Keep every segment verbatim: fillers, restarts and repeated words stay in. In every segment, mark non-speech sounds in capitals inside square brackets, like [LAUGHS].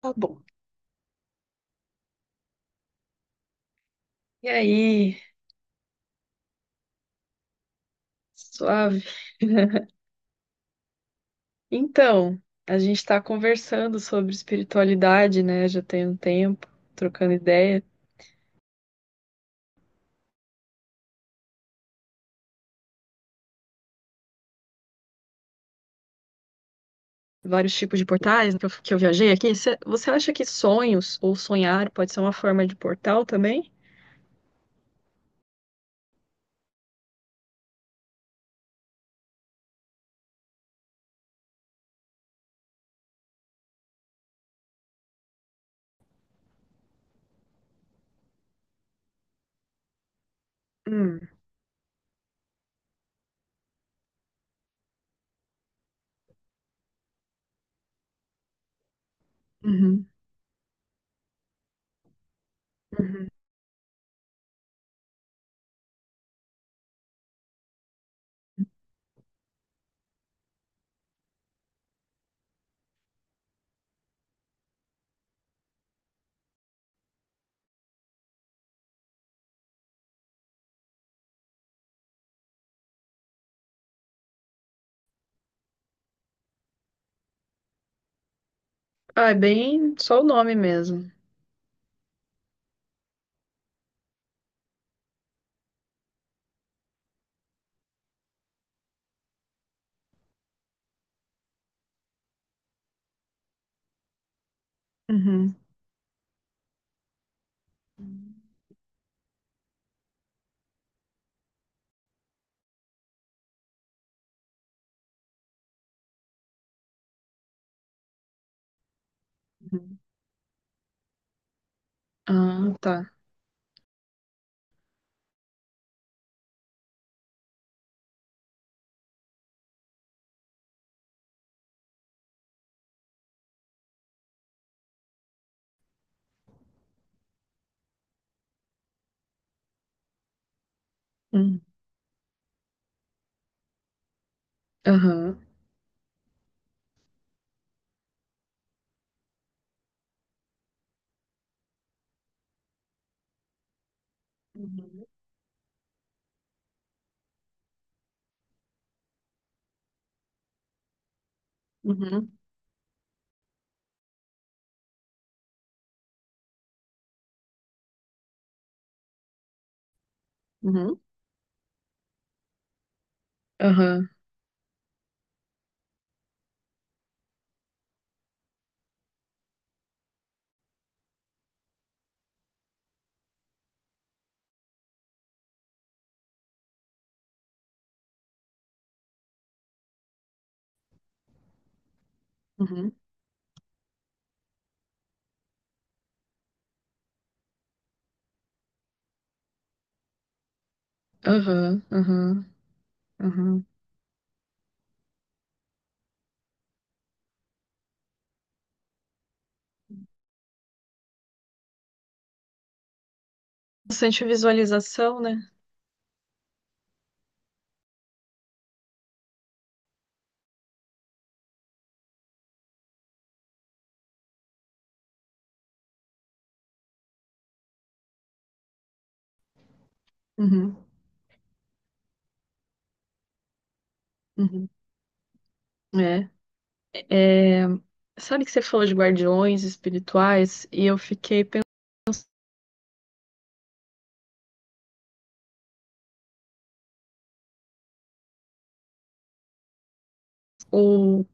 Tá bom. E aí, suave. Então, a gente está conversando sobre espiritualidade, né? Já tem um tempo, trocando ideia, vários tipos de portais que eu, que eu viajei aqui. Cê- você acha que sonhos ou sonhar pode ser uma forma de portal também? Hum, uhum, uhum. Ah, é bem só o nome mesmo. Uhum, uhum. Ah, tá. Hum, aham. Uhum. Uhum. Uhum. Aham. Uhum. Aham. Aham. Aham. Bastante visualização, né? Uhum, uhum. É. Sabe que você falou de guardiões espirituais e eu fiquei pensando, ou,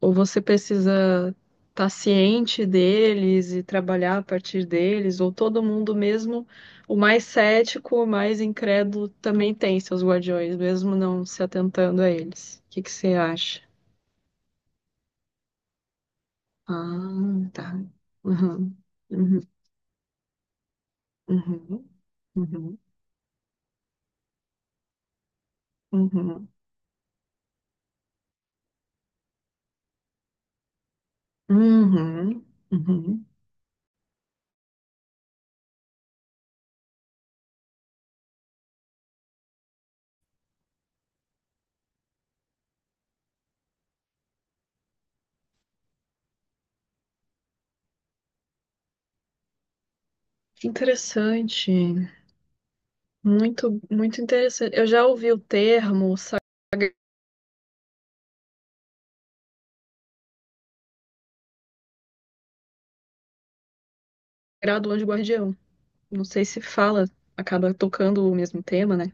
ou você precisa estar ciente deles e trabalhar a partir deles, ou todo mundo, mesmo o mais cético, o mais incrédulo, também tem seus guardiões, mesmo não se atentando a eles. O que que você acha? Ah, tá. Uhum, uhum, uhum, uhum, uhum, uhum, uhum. Que interessante. Muito, muito interessante. Eu já ouvi o termo Sagrado Anjo Guardião. Não sei se fala, acaba tocando o mesmo tema, né?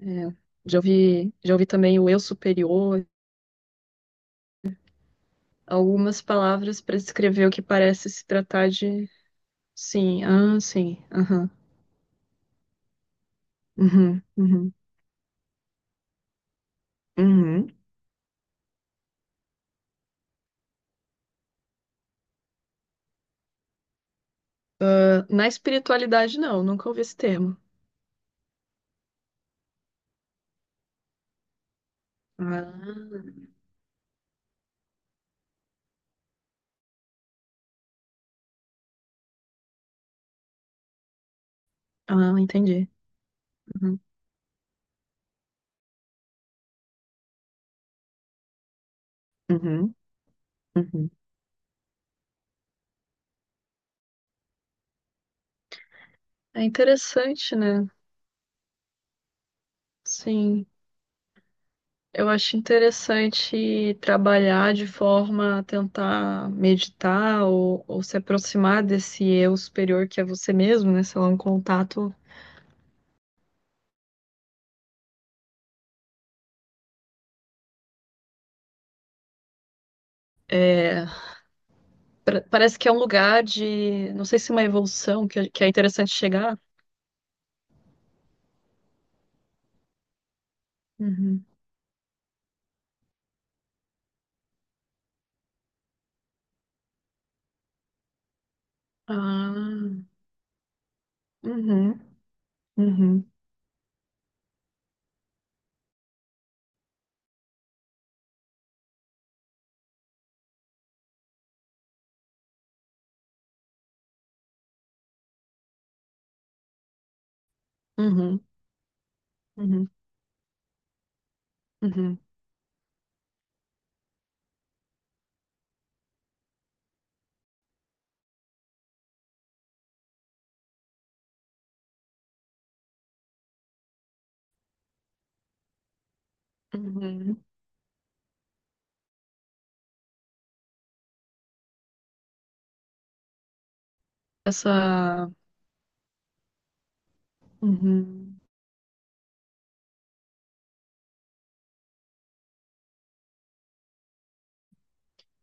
É, já ouvi, já ouvi também o Eu Superior. Algumas palavras para descrever o que parece se tratar de. Sim, ah, sim, aham, uhum, uhum, uhum. Ah, na espiritualidade, não, nunca ouvi esse termo. Ah, ah, entendi. Uhum, uhum, uhum. É interessante, né? Sim. Eu acho interessante trabalhar de forma a tentar meditar ou, ou se aproximar desse eu superior que é você mesmo, né? Sei lá, um contato. É, pra- parece que é um lugar de. Não sei se é uma evolução que, que é interessante chegar. Uhum. Ah, uhum, uhum, uhum, uhum, uhum, uhum. Essa. Uhum.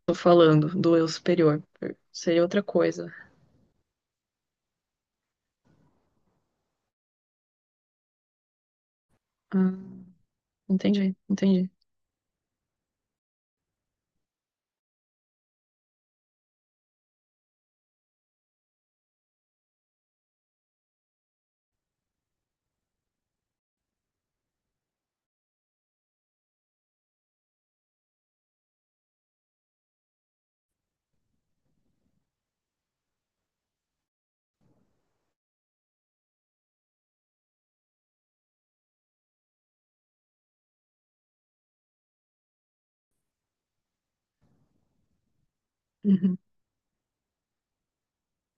Tô falando do eu superior. Seria outra coisa. Ah, entendi, entendi.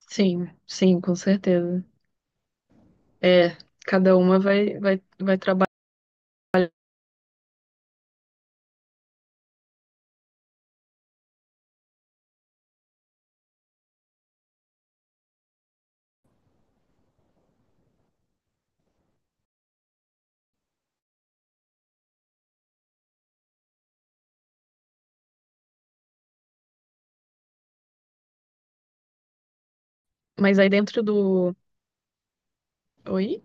Sim, sim, com certeza. É, cada uma vai, vai, vai trabalhar. Mas aí dentro do. Oi?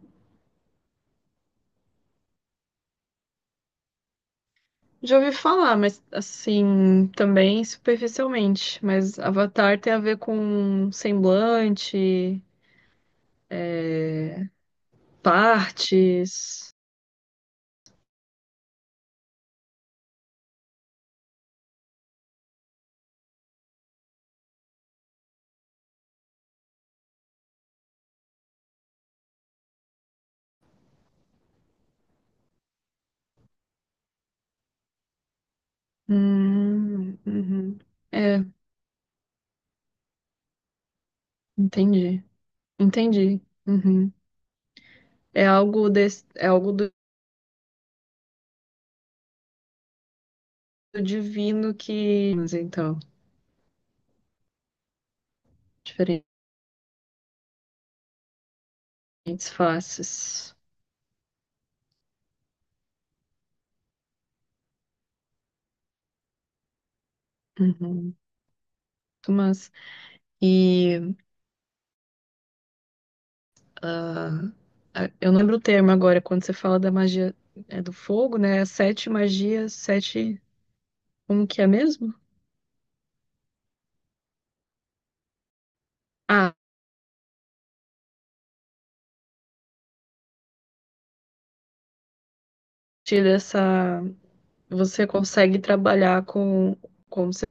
Já ouvi falar, mas assim, também superficialmente. Mas Avatar tem a ver com semblante, é, partes. Hum, uhum. É, entendi. Entendi. Uhum. É algo desse, é algo do do divino que. Mas então, diferentes faces. Uhum. Muito massa. E ah, a- eu não lembro o termo agora, quando você fala da magia é, do fogo, né? Sete magias, sete. Como que é mesmo? Ah, a partir dessa. Você consegue trabalhar com, como você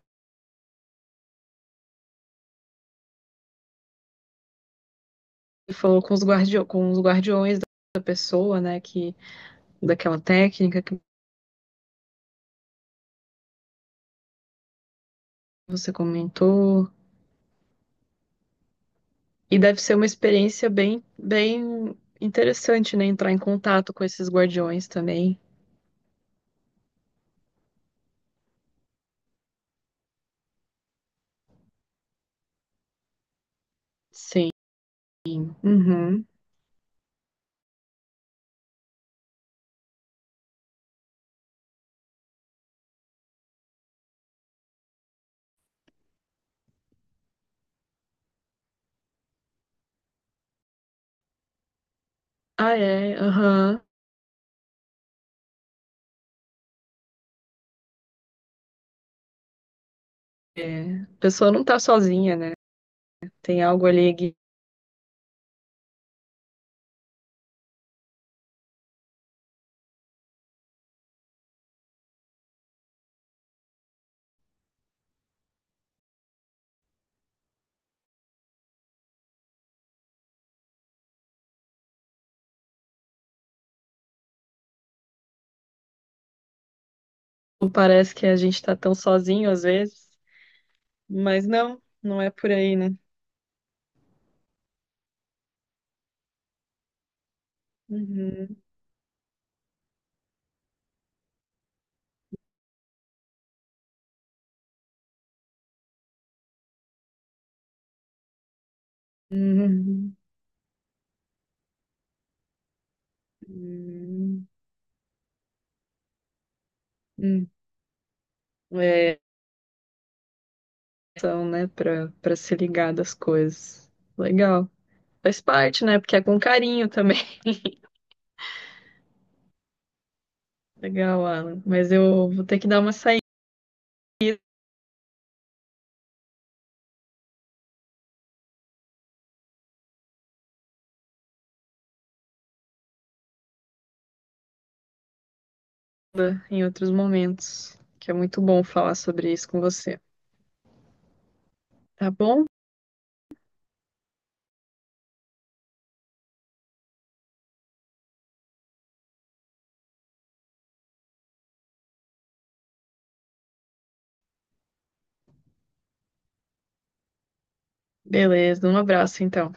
falou, com os guardiões, com os guardiões da pessoa, né? Que, daquela técnica que você comentou. E deve ser uma experiência bem, bem interessante, né? Entrar em contato com esses guardiões também. Sim. Uhum. Ah, é. Aham. É, a pessoa não tá sozinha, né? Tem algo ali que não parece que a gente tá tão sozinho às vezes, mas não, não é por aí, né? Uhum, uhum, uhum, uhum. É, são, né, pra, pra se ligar das coisas. Legal. Faz parte, né? Porque é com carinho também. [LAUGHS] Legal, Alan. Mas eu vou ter que dar uma saída em outros momentos, que é muito bom falar sobre isso com você. Tá bom? Beleza, um abraço então.